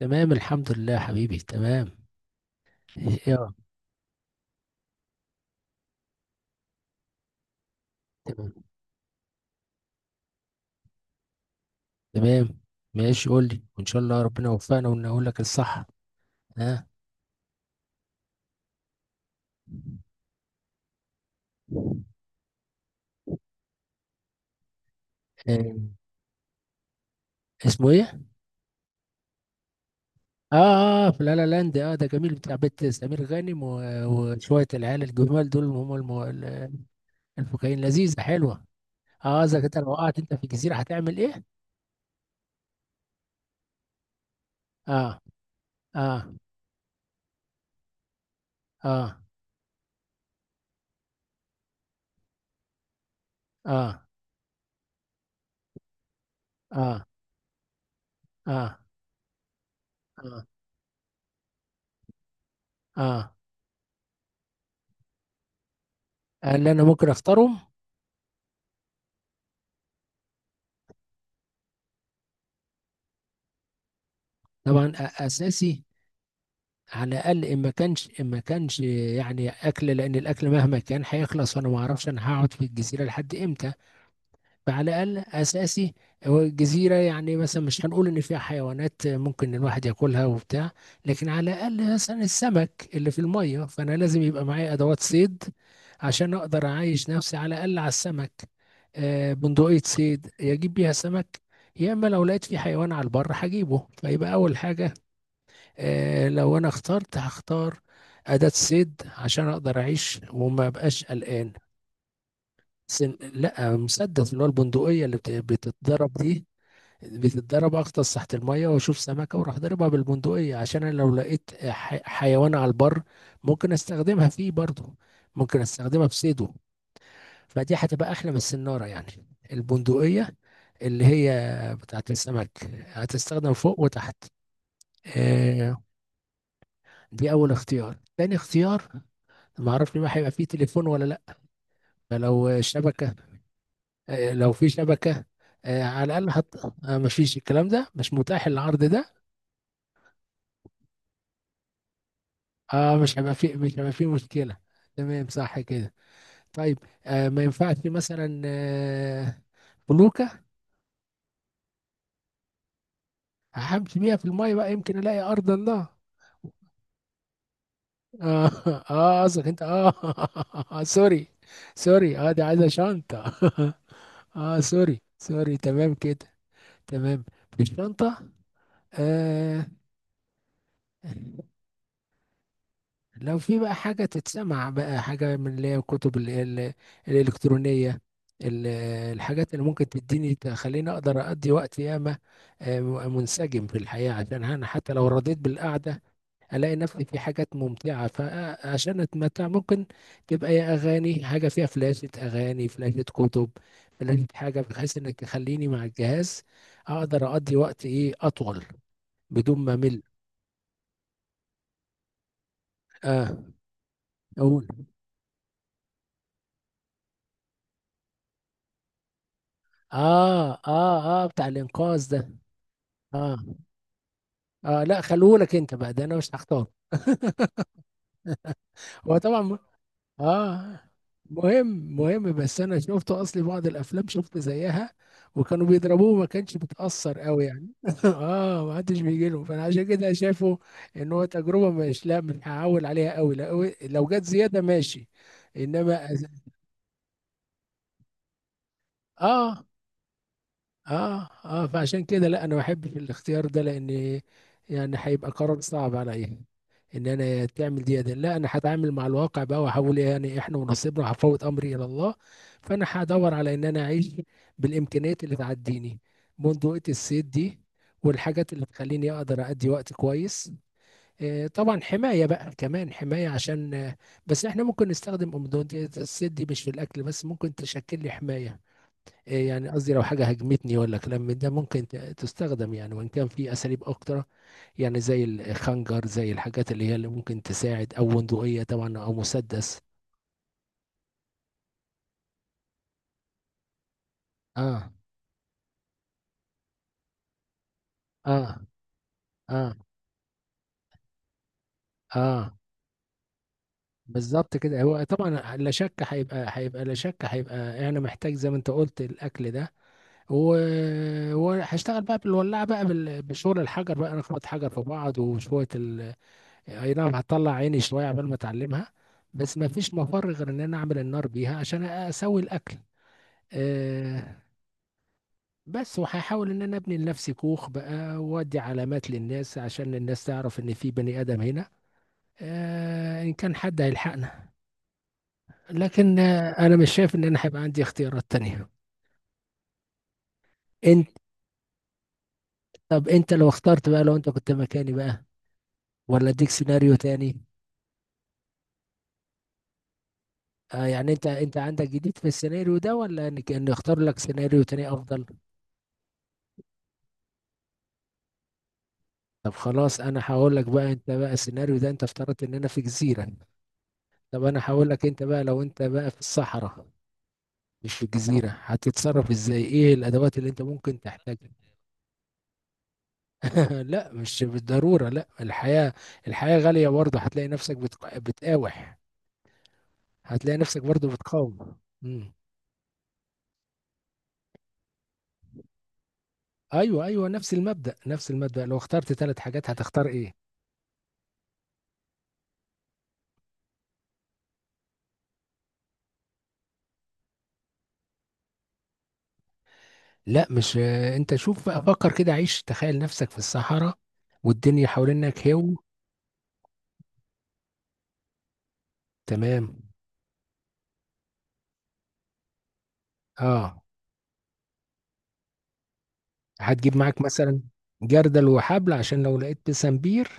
تمام، الحمد لله يا حبيبي، تمام. ايوه. تمام تمام. ماشي، قول لي وان شاء الله ربنا يوفقنا ونقول لك الصح. ها. آه. اسمه ايه؟ اه اه، في لا لا لاند. اه، ده جميل بتاع بيت سمير غانم وشويه العيال الجمال دول، هم الفكاهين، لذيذه حلوه. اه، اذا كنت لو وقعت انت في جزيره هتعمل ايه؟ اه اه اه اه اه اه اه اه. اللي انا ممكن اختارهم؟ طبعا، اساسي. على الاقل، ان ما كانش، ان ما كانش يعني اكل، لان الاكل مهما كان هيخلص، وانا ما اعرفش انا هقعد في الجزيره لحد امتى. فعلى الاقل اساسي. هو الجزيره يعني مثلا مش هنقول ان فيها حيوانات ممكن الواحد ياكلها وبتاع، لكن على الاقل مثلا السمك اللي في الميه، فانا لازم يبقى معايا ادوات صيد، عشان اقدر اعيش نفسي على الاقل على السمك. آه، بندقيه صيد يجيب بيها سمك. يا اما لو لقيت في حيوان على البر هجيبه، فيبقى اول حاجه. آه، لو انا اخترت هختار اداة صيد، عشان اقدر اعيش وما بقاش قلقان. لا، مسدس، اللي هو البندقية اللي بتتضرب دي. بتتضرب، اغطس تحت المية واشوف سمكة واروح ضاربها بالبندقية. عشان انا لو لقيت حيوان على البر، ممكن استخدمها فيه برضه، ممكن استخدمها في صيده. فدي هتبقى احلى من السنارة يعني، البندقية اللي هي بتاعت السمك، هتستخدم فوق وتحت. آه، دي اول اختيار. تاني اختيار، ما اعرفش بقى هيبقى فيه تليفون ولا لا. لو شبكه، آه، لو في شبكه، آه، على الاقل حط. ما فيش، الكلام ده مش متاح، العرض ده. اه، مش هيبقى فيه مشكله. تمام صح كده. طيب. ما ينفعش مثلا فلوكه، همشي بيها في الميه بقى، يمكن الاقي ارض الله. اه اه، قصدك انت. اه. آه، سوري. سوري، اه دي عايزه شنطه. اه، سوري سوري، تمام كده. تمام. في الشنطه، آه، لو في بقى حاجة تتسمع بقى، حاجة من اللي هي الكتب الإلكترونية، ال- الحاجات اللي ممكن تديني تخليني أقدر أقضي وقت ياما، آه، منسجم في الحياة، عشان أنا حتى لو رضيت بالقعدة ألاقي نفسي في حاجات ممتعة، فعشان أتمتع، ممكن تبقى يا أغاني، حاجة فيها فلاشة أغاني، فلاشة كتب، فلاشة حاجة، بحيث إنك تخليني مع الجهاز أقدر أقضي وقت إيه أطول، بدون ما مل. آه. أقول. اه اه اه، بتاع الانقاذ ده. اه اه، لا، خلوهولك انت بقى، ده انا مش هختار. هو طبعا اه، مهم مهم، بس انا شفت اصلي بعض الافلام شفت زيها، وكانوا بيضربوه ما كانش بتأثر قوي يعني. اه، ما حدش بيجي له، فانا عشان كده شايفه ان هو تجربه، مش، لا، مش هعول عليها قوي، لا. لو جت زياده ماشي، انما اه اه اه، فعشان كده لا، انا ما بحبش الاختيار ده، لان يعني هيبقى قرار صعب عليا ان انا تعمل دي. ده لا، انا هتعامل مع الواقع بقى واحاول، يعني احنا ونصيبنا، هفوت امري الى الله. فانا هدور على ان انا اعيش بالامكانيات اللي تعديني، بندقية الصيد دي، والحاجات اللي تخليني اقدر ادي وقت كويس. آه طبعا، حماية بقى كمان، حماية عشان بس احنا ممكن نستخدم بندقية الصيد دي مش في الاكل بس، ممكن تشكل لي حماية. إيه يعني قصدي، لو حاجة هاجمتني ولا كلام من ده ممكن تستخدم يعني، وإن كان في أساليب أكتر، يعني زي الخنجر، زي الحاجات اللي هي اللي ممكن تساعد، أو بندقية طبعا، أو مسدس. آه آه آه آه. بالظبط كده، هو طبعا لا شك هيبقى، لا شك هيبقى، أنا محتاج زي ما أنت قلت الأكل ده و... وهشتغل بقى بالولاعة بقى، بشغل الحجر بقى، نخبط حجر في بعض وشوية. اي نعم، هتطلع عيني شويه عبال ما اتعلمها، بس ما فيش مفر غير ان انا اعمل النار بيها عشان اسوي الاكل. أه. بس وهحاول ان انا ابني لنفسي كوخ بقى، وادي علامات للناس عشان الناس تعرف ان في بني ادم هنا، أه، ان كان حد هيلحقنا. لكن انا مش شايف ان انا هيبقى عندي اختيارات تانية. انت، طب انت لو اخترت بقى، لو انت كنت مكاني بقى، ولا اديك سيناريو تاني؟ أه، يعني انت عندك جديد في السيناريو ده، ولا ان اختار لك سيناريو تاني افضل؟ طب خلاص، انا هقول لك بقى، انت بقى، السيناريو ده انت افترضت ان انا في جزيرة. طب انا هقول لك، انت بقى لو انت بقى في الصحراء، مش في الجزيرة، هتتصرف ازاي؟ ايه الادوات اللي انت ممكن تحتاجها؟ لا، مش بالضرورة، لا، الحياة، الحياة غالية برضه، هتلاقي نفسك بتقاوح، هتلاقي نفسك برضه بتقاوم. مم. ايوه ايوه، نفس المبدأ، نفس المبدأ، لو اخترت ثلاث حاجات هتختار ايه؟ لا، مش انت شوف بقى، فكر كده، عيش، تخيل نفسك في الصحراء والدنيا حوالينك. هو، تمام. اه، هتجيب معاك مثلا جردل وحبل، عشان لو لقيت بسنبير؟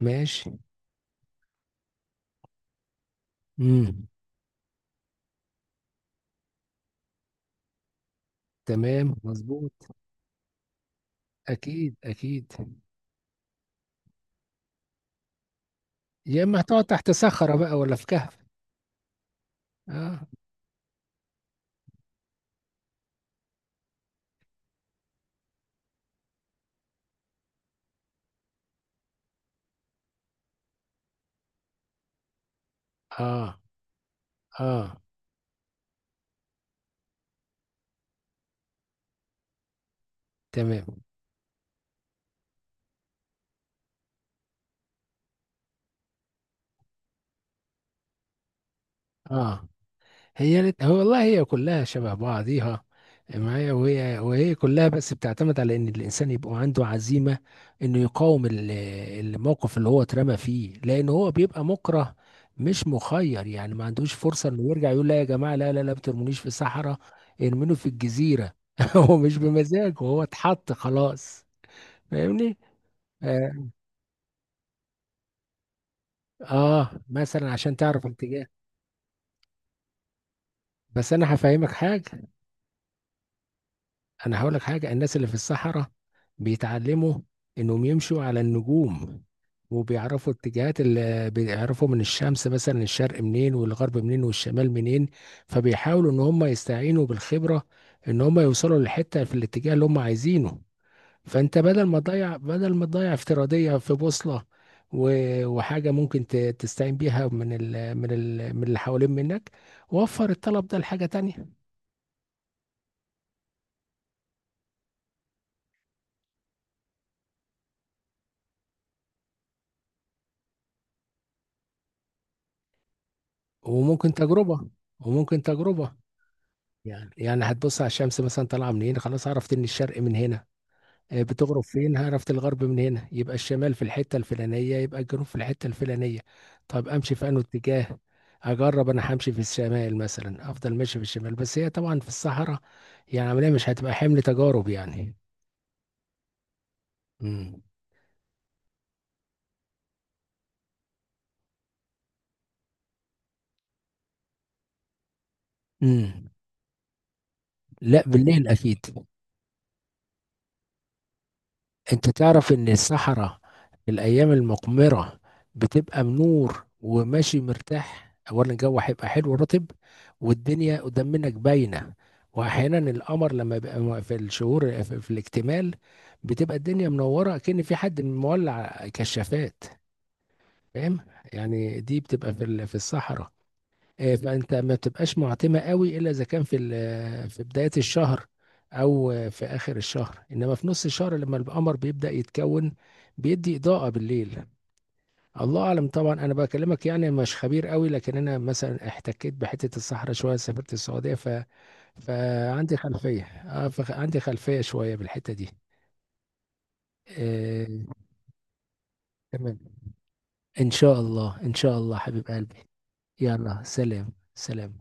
ماشي. امم. تمام، مظبوط. اكيد اكيد. يا اما هتقعد تحت صخرة بقى، ولا في كهف. اه اه اه. تمام. اه. هو والله، هي كلها شبه بعضيها معايا، وهي كلها، بس بتعتمد على ان الانسان يبقى عنده عزيمه انه يقاوم الموقف اللي هو اترمى فيه، لان هو بيبقى مكره، مش مخير، يعني ما عندوش فرصه انه يرجع يقول: لا يا جماعه، لا لا لا، ما ترمونيش في الصحراء، ارموني في الجزيره! هو مش بمزاجه، هو اتحط خلاص. فاهمني؟ اه. آه، مثلا عشان تعرف الاتجاه. بس انا هفهمك حاجه، انا هقول لك حاجه: الناس اللي في الصحراء بيتعلموا انهم يمشوا على النجوم، وبيعرفوا اتجاهات، اللي بيعرفوا من الشمس مثلا: الشرق منين، والغرب منين، والشمال منين. فبيحاولوا ان هم يستعينوا بالخبره ان هم يوصلوا للحته في الاتجاه اللي هم عايزينه. فانت بدل ما تضيع، افتراضيه في بوصله وحاجه ممكن تستعين بيها من ال من ال من اللي حوالين منك، وفر الطلب ده لحاجه تانية. وممكن تجربه وممكن تجربه. يعني هتبص على الشمس مثلا طالعه من هنا، خلاص، عرفت ان الشرق من هنا. آه، بتغرب فين؟ عرفت الغرب من هنا، يبقى الشمال في الحته الفلانيه، يبقى الجنوب في الحته الفلانيه. طب امشي في انه اتجاه؟ اجرب، انا همشي في الشمال مثلا، افضل ماشي في الشمال، بس هي طبعا في الصحراء يعني عمليه، مش هتبقى حمل تجارب يعني. امم. امم. لا، بالليل اكيد. انت تعرف ان الصحراء في الايام المقمرة بتبقى منور وماشي مرتاح، اولا الجو هيبقى حلو ورطب، والدنيا قدام منك باينة، واحيانا القمر لما بيبقى في الشهور، في الاكتمال، بتبقى الدنيا منورة كأن في حد مولع كشافات. فاهم؟ يعني دي بتبقى في الصحراء. آه، فانت ما بتبقاش معتمه قوي، الا اذا كان في بدايه الشهر، او في اخر الشهر، انما في نص الشهر لما القمر بيبدا يتكون، بيدي اضاءه بالليل. الله اعلم طبعا، انا بكلمك يعني مش خبير قوي، لكن انا مثلا احتكيت بحته الصحراء شويه، سافرت السعوديه فعندي خلفيه شويه بالحته دي. آه، تمام، ان شاء الله ان شاء الله حبيب قلبي، يلا سلام سلام.